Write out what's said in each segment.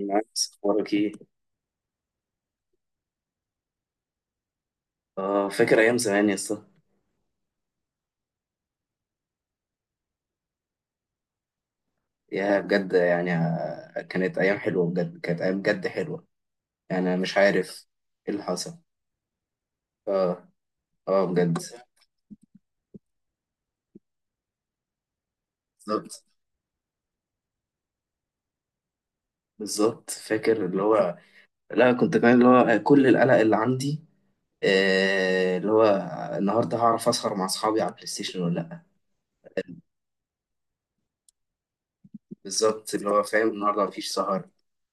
نايس، اخبارك ايه؟ اه، فاكر ايام زمان يا اسطى. يا بجد يعني كانت ايام حلوه بجد، كانت ايام بجد حلوه. يعني أنا مش عارف ايه اللي حصل. اه، اه بجد. بالظبط بالظبط، فاكر اللي هو. لا، كنت كمان اللي هو كل القلق اللي عندي. آه، اللي هو النهارده هعرف اسهر مع اصحابي على البلاي ستيشن ولا لا. بالظبط، اللي هو فاهم النهارده مفيش سهر.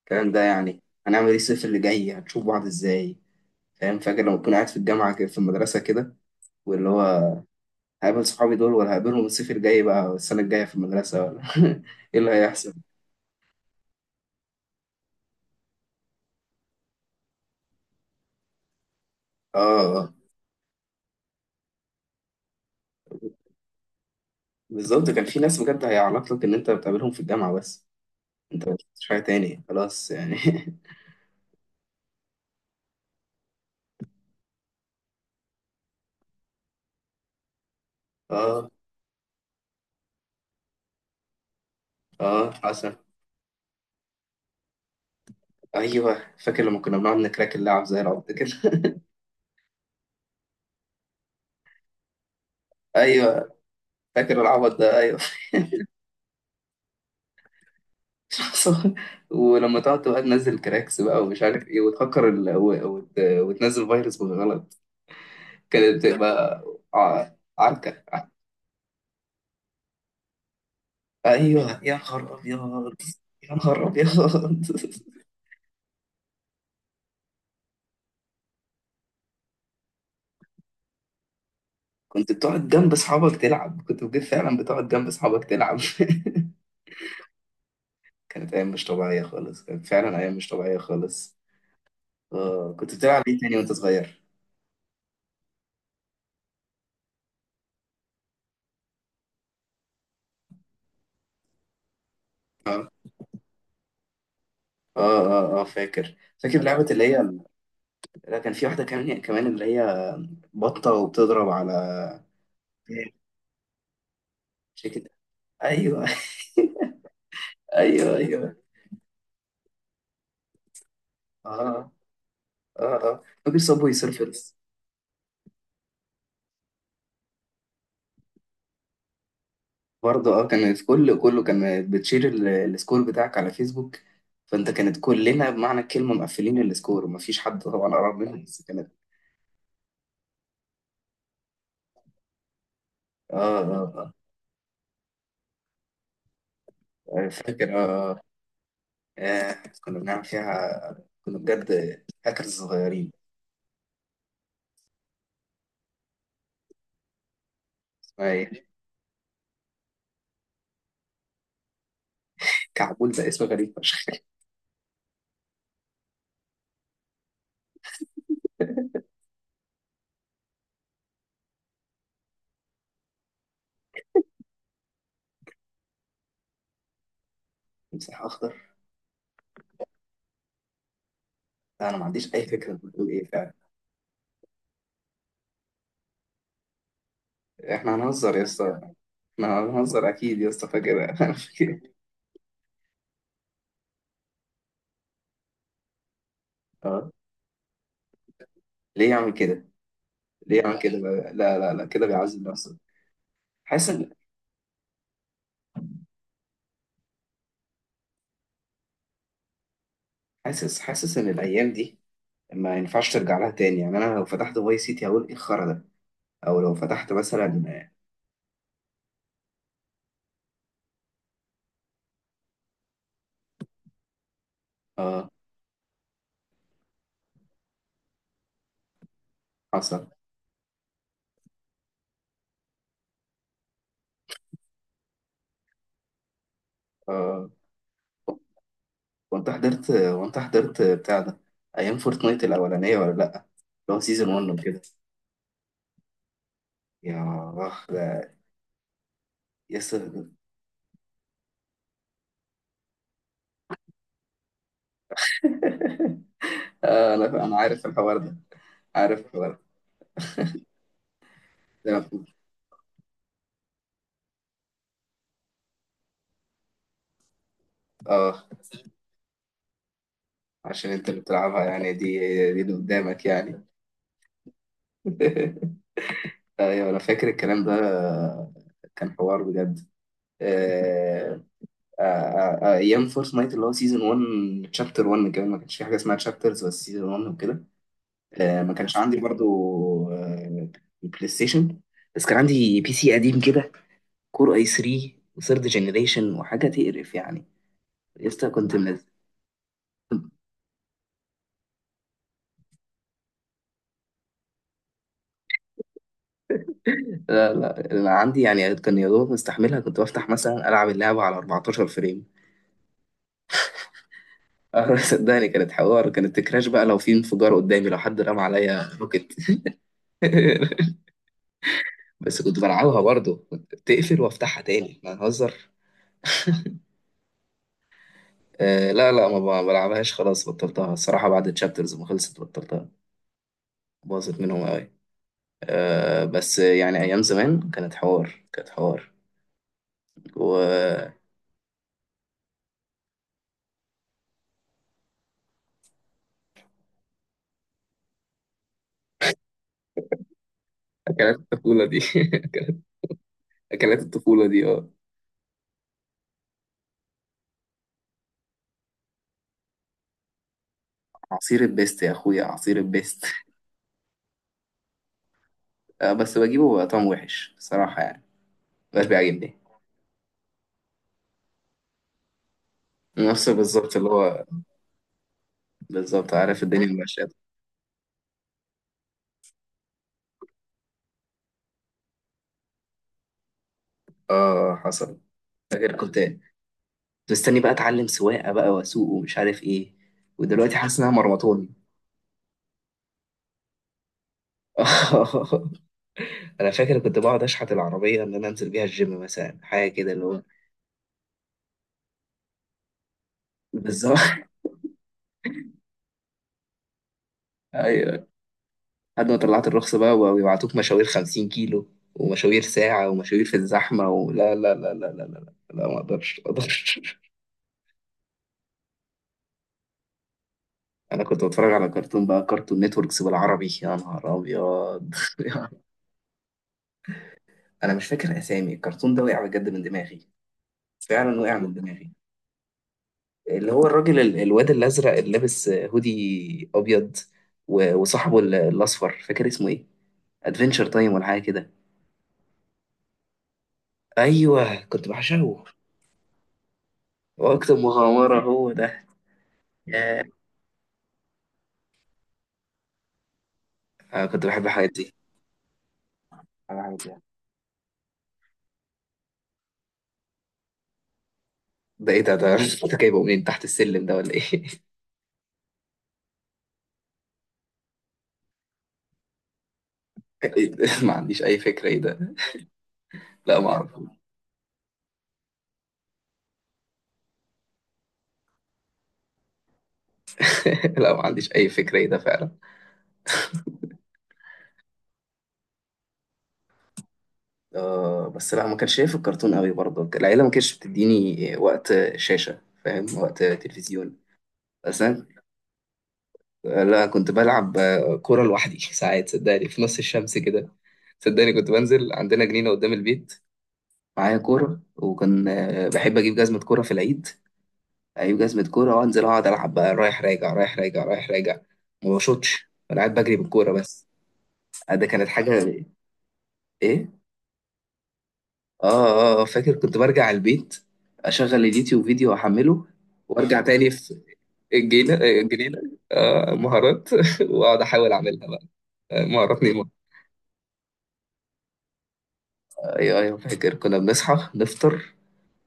الكلام ده يعني هنعمل ايه الصيف اللي جاي؟ هنشوف بعض ازاي؟ فاهم، فاكر لما كنا قاعد في الجامعه كده، في المدرسه كده. واللي هو هقابل صحابي دول ولا هقابلهم الصيف الجاي بقى، السنة الجاية في المدرسة ولا. ايه اللي هيحصل؟ اه، اه بالظبط. كان في ناس بجد هيعرف لك ان انت بتقابلهم في الجامعة بس. مش حاجة تاني خلاص يعني. اه، اه حصل. ايوه فاكر لما كنا بنقعد نكراك اللعب زي العبط كده. ايوه فاكر العبط ده، ايوه. حصل. ولما تقعد تبقى تنزل كراكس بقى ومش عارف ايه، وتفكر وتنزل فيروس بالغلط. كانت بتبقى ع- عركة. ايوه يا نهار ابيض، يا نهار ابيض. كنت بتقعد جنب اصحابك تلعب، كنت بجد فعلا بتقعد جنب اصحابك تلعب. كانت ايام مش طبيعيه خالص، كانت فعلا ايام مش طبيعيه خالص. آه، كنت بتلعب ايه تاني وانت صغير؟ اه، اه، فاكر لعبه اللي هي. لا، كان في واحده كمان كمان اللي هي بطه وبتضرب على شكل. ايوه. ايوه، ايوه، اه، اه، اه فاكر صابوي سيرفرز. برضه اه، كانت كله كان بتشير السكور بتاعك على فيسبوك. فانت كانت كلنا بمعنى الكلمه مقفلين السكور، ومفيش حد طبعا قرب منهم بس كانت. اه، اه، اه آه، فاكر اه, آه كنا بنعمل فيها، كنا بجد هاكرز صغيرين. اسمها ايه؟ كعبول ده اسم غريب فشخ. تمساح اخضر. لا انا ما عنديش اي فكره انت بتقول ايه فعلا. احنا هنهزر يا اسطى، احنا هنهزر اكيد يا اسطى. فاكر؟ انا فاكر. اه. ليه يعمل كده؟ ليه يعمل كده؟ لا، لا لا كده بيعذب نفسه. حاسس، حاسس ان الايام دي ما ينفعش ترجع لها تاني. يعني انا لو فتحت فاي سيتي هقول ايه الخرا ده؟ او لو فتحت مثلا. اه حصل. اه، وانت حضرت، بتاع ده، ايام فورتنايت الاولانيه ولا لا، اللي هو سيزون 1 وكده. يا اخ ده. يس. آه انا عارف الحوار ده، عارف الحوار. ده ده- اه، عشان انت اللي بتلعبها يعني، دي دي اللي قدامك يعني. ايوه انا فاكر الكلام ده. كان حوار بجد. آه، آه، آه، آه، ايام فورس نايت اللي هو سيزون 1 تشابتر 1 كمان. ما كانش في حاجه اسمها تشابترز، بس سيزون 1 وكده. آه، ما كانش عندي برضو آه، بلاي ستيشن. بس كان عندي بي سي قديم كده، كور اي 3 وثيرد جنريشن وحاجه تقرف يعني. لسه كنت منزل. لا لا انا عندي يعني كان يا دوب مستحملها. كنت بفتح مثلا العب اللعبه على 14 فريم. صدقني كانت حوار، كانت تكراش بقى لو في انفجار قدامي، لو حد رمى عليا روكت. بس كنت بلعبها برضه، كنت بتقفل وافتحها تاني، ما نهزر. آه لا لا ما ب- بلعبهاش خلاص، بطلتها الصراحة، بعد الشابترز ما خلصت بطلتها. باظت منهم قوي. آه بس يعني أيام زمان كانت حوار، كانت حوار. وأكلات الطفولة دي. أكلات الطفولة دي اه. عصير البيست يا أخويا، عصير البيست. آه بس بجيبه بقى طعم وحش صراحة يعني، مبقاش بيعجبني. نفس بالظبط اللي هو، بالظبط عارف الدنيا ماشية. اه حصل. فاكر كنت، كنت مستني بقى اتعلم سواقه بقى واسوق ومش عارف ايه، ودلوقتي حاسس انها مرمطاني. انا فاكر كنت بقعد اشحت العربيه ان انا انزل بيها الجيم مثلا، حاجه كده اللي هو. بالظبط. ايوه. لحد ما طلعت الرخصه بقى، ويبعتوك مشاوير 50 كيلو، ومشاوير ساعه، ومشاوير في الزحمه. ولا لا لا لا لا لا لا. لا ما اقدرش، ما اقدرش. انا كنت بتفرج على كرتون بقى، كرتون نتوركس بالعربي، يا نهار ابيض. انا مش فاكر اسامي الكرتون ده، وقع بجد من دماغي، فعلا وقع من دماغي. اللي هو الراجل الواد الازرق اللي لابس هودي ابيض، وصاحبه الاصفر. فاكر اسمه ايه؟ ادفنتشر تايم ولا حاجه كده. ايوه كنت بعشقه. وقت مغامره هو ده. ياه. آه كنت بحب الحاجات دي. انا عارف يعني. ده ايه ده انت جايبه منين؟ تحت السلم ده ولا ايه؟ إيه ده؟ ما عنديش اي فكره ايه ده. لا ما اعرف. لا ما عنديش اي فكره ايه ده فعلا. آه بس لا، ما كانش شايف الكرتون قوي برضه، العيله ما كانتش بتديني وقت شاشه، فاهم، وقت تلفزيون. بس انا لا، كنت بلعب كورة لوحدي ساعات، صدقني، في نص الشمس كده. صدقني كنت بنزل عندنا جنينة قدام البيت، معايا كورة، وكان بحب أجيب جزمة كورة في العيد. أجيب جزمة كورة وأنزل أقعد ألعب بقى، رايح راجع رايح راجع رايح راجع. ما بشوطش، أنا قاعد بجري بالكورة بس. آه، ده كانت حاجة. إيه؟ آه، آه آه، فاكر كنت برجع البيت، أشغل اليوتيوب، فيديو أحمله، وأرجع تاني في الجنينة، الجنينة. آه، مهارات. وأقعد أحاول أعملها بقى. آه، مهارات. ايوه، ايوه فاكر كنا بنصحى نفطر،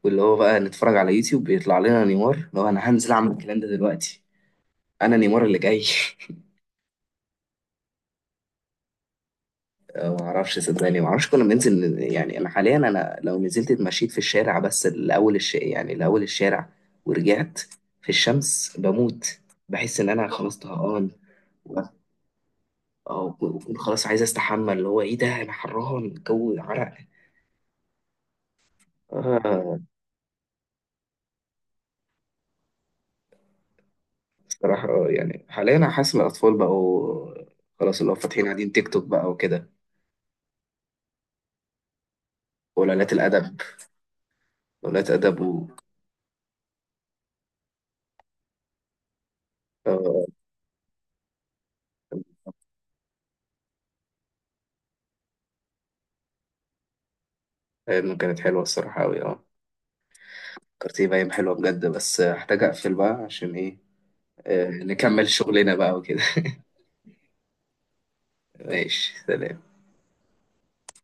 واللي هو بقى نتفرج على يوتيوب بيطلع لنا نيمار. لو انا هنزل اعمل الكلام ده دلوقتي، انا نيمار اللي جاي. آه، ما اعرفش صدقني، ما اعرفش. كنا بننزل يعني، انا حاليا لو نزلت اتمشيت في الشارع، بس لاول الش يعني لاول الشارع ورجعت، في الشمس بموت، بحس ان انا خلاص طهقان. و- اه وبكون خلاص عايز استحمى، اللي هو ايه ده انا حران، جو عرق. آه صراحة، يعني حاليا أنا حاسس إن الأطفال بقوا خلاص، اللي هو فاتحين قاعدين تيك توك بقى وكده، وقلالات الأدب، قلالات أدب. و آه، إنه كانت حلوة الصراحة أوي، أه. فكرتي بقى حلوة بجد، بس هحتاج أقفل بقى، عشان إيه، آه، نكمل شغلنا بقى وكده. ماشي سلام.